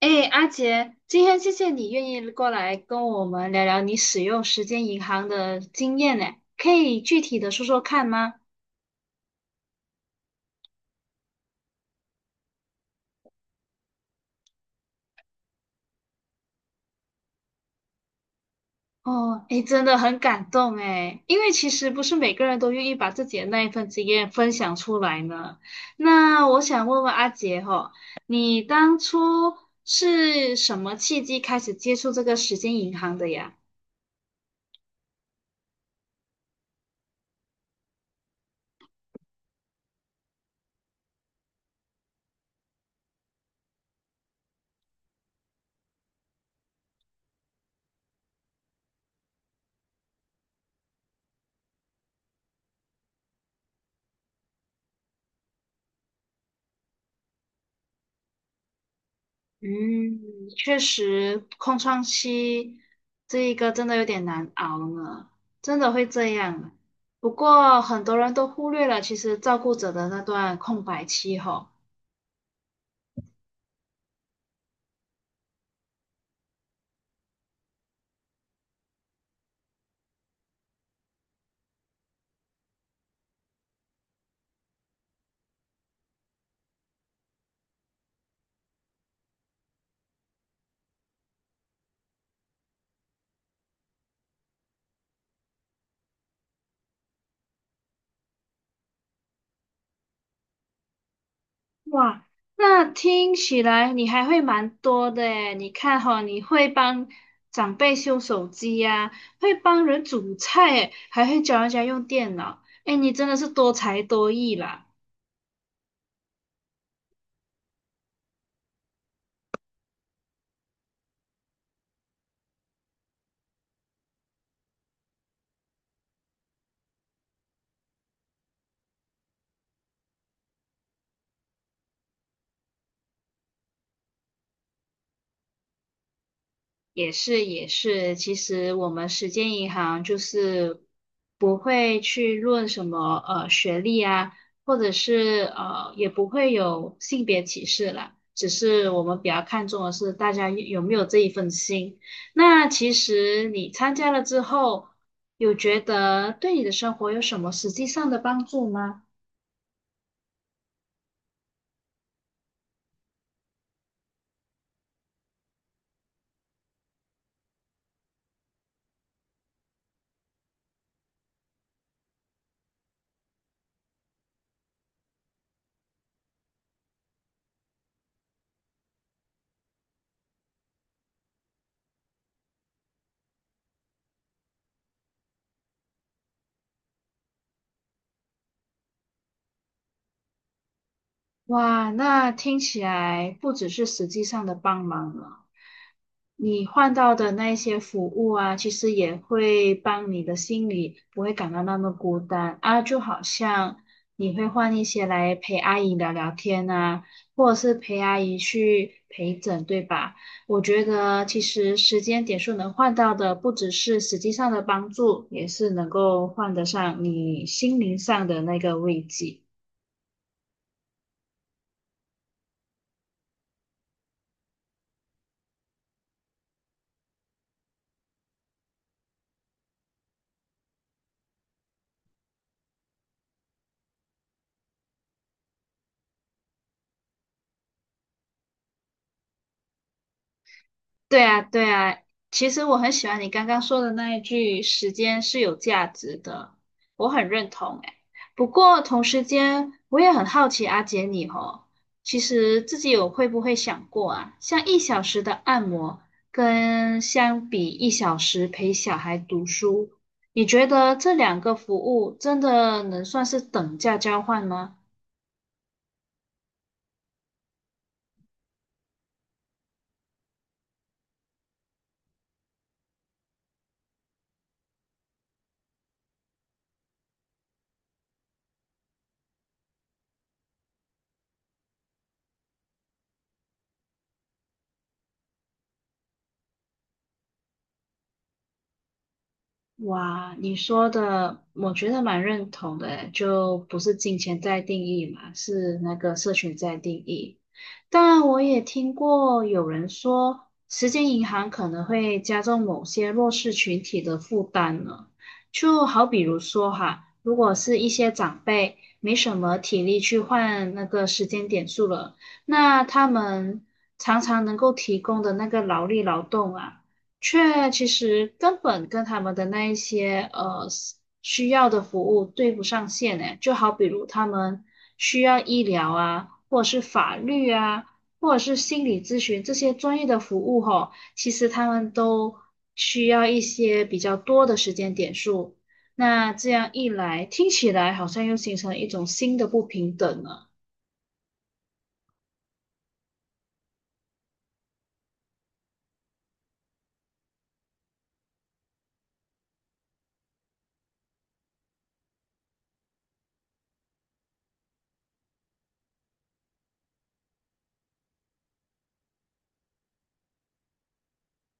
哎，阿杰，今天谢谢你愿意过来跟我们聊聊你使用时间银行的经验呢，可以具体的说说看吗？哦，哎，真的很感动哎，因为其实不是每个人都愿意把自己的那一份经验分享出来呢。那我想问问阿杰哈，你当初是什么契机开始接触这个时间银行的呀？嗯，确实，空窗期这一个真的有点难熬呢，真的会这样啊。不过很多人都忽略了，其实照顾者的那段空白期吼。哇，那听起来你还会蛮多的诶，你看哈，你会帮长辈修手机呀、会帮人煮菜诶，还会教人家用电脑，诶，你真的是多才多艺啦。也是也是，其实我们时间银行就是不会去论什么学历啊，或者是也不会有性别歧视啦，只是我们比较看重的是大家有没有这一份心。那其实你参加了之后，有觉得对你的生活有什么实际上的帮助吗？哇，那听起来不只是实际上的帮忙了。你换到的那一些服务啊，其实也会帮你的心里不会感到那么孤单啊，就好像你会换一些来陪阿姨聊聊天啊，或者是陪阿姨去陪诊，对吧？我觉得其实时间点数能换到的，不只是实际上的帮助，也是能够换得上你心灵上的那个慰藉。对啊，对啊，其实我很喜欢你刚刚说的那一句“时间是有价值的”，我很认同诶。不过同时间，我也很好奇阿姐你哦，其实自己有会不会想过啊，像一小时的按摩，跟相比一小时陪小孩读书，你觉得这两个服务真的能算是等价交换吗？哇，你说的我觉得蛮认同的诶，就不是金钱在定义嘛，是那个社群在定义。但我也听过有人说，时间银行可能会加重某些弱势群体的负担呢。就好比如说哈，如果是一些长辈没什么体力去换那个时间点数了，那他们常常能够提供的那个劳力劳动啊。却其实根本跟他们的那一些需要的服务对不上线呢。就好比如他们需要医疗啊，或者是法律啊，或者是心理咨询这些专业的服务吼，其实他们都需要一些比较多的时间点数。那这样一来，听起来好像又形成一种新的不平等了。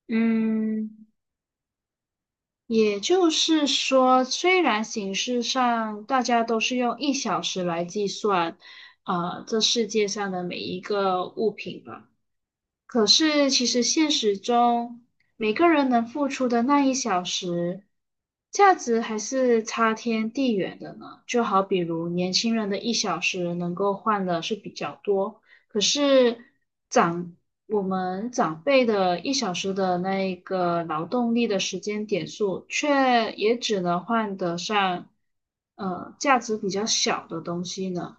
嗯，也就是说，虽然形式上大家都是用一小时来计算，啊，这世界上的每一个物品吧，可是，其实现实中，每个人能付出的那1小时，价值还是差天地远的呢。就好比如年轻人的一小时能够换的是比较多，可是长我们长辈的一小时的那一个劳动力的时间点数，却也只能换得上价值比较小的东西呢。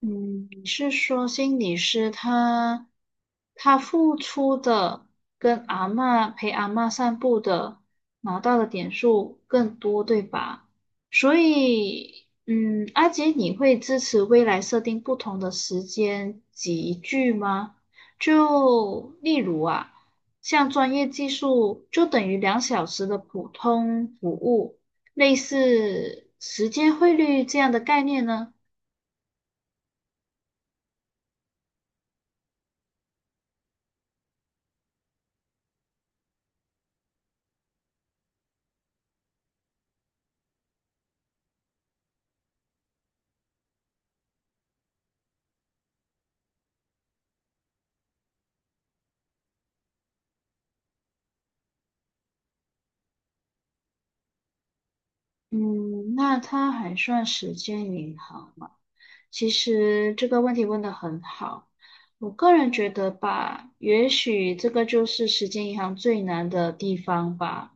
嗯，你是说心理师他付出的跟阿嬷陪阿嬷散步的拿到的点数更多，对吧？所以，嗯，阿杰，你会支持未来设定不同的时间集聚吗？就例如啊，像专业技术就等于2小时的普通服务，类似时间汇率这样的概念呢？嗯，那他还算时间银行吗？其实这个问题问得很好，我个人觉得吧，也许这个就是时间银行最难的地方吧，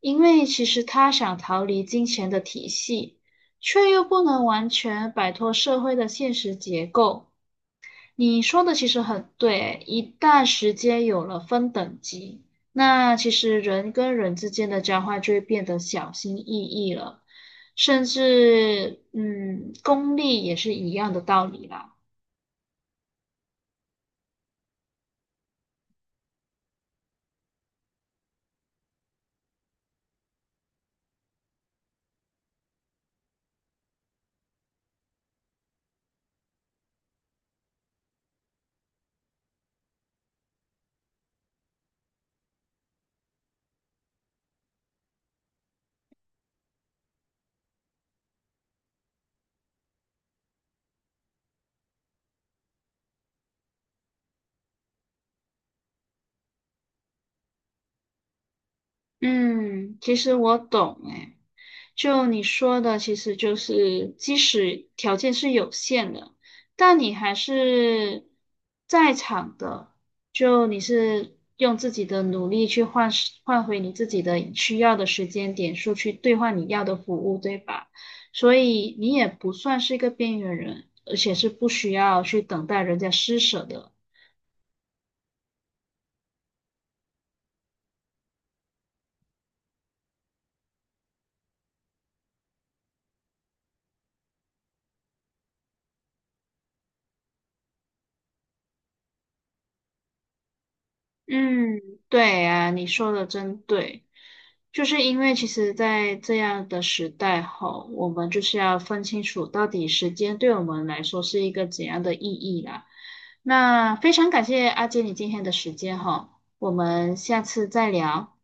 因为其实他想逃离金钱的体系，却又不能完全摆脱社会的现实结构。你说的其实很对，一旦时间有了分等级，那其实人跟人之间的交换就会变得小心翼翼了，甚至功利也是一样的道理啦。嗯，其实我懂诶。就你说的，其实就是即使条件是有限的，但你还是在场的，就你是用自己的努力去换回你自己的需要的时间点数，去兑换你要的服务，对吧？所以你也不算是一个边缘人，而且是不需要去等待人家施舍的。嗯，对啊，你说的真对，就是因为其实，在这样的时代吼，我们就是要分清楚到底时间对我们来说是一个怎样的意义啦。那非常感谢阿杰你今天的时间哈，我们下次再聊。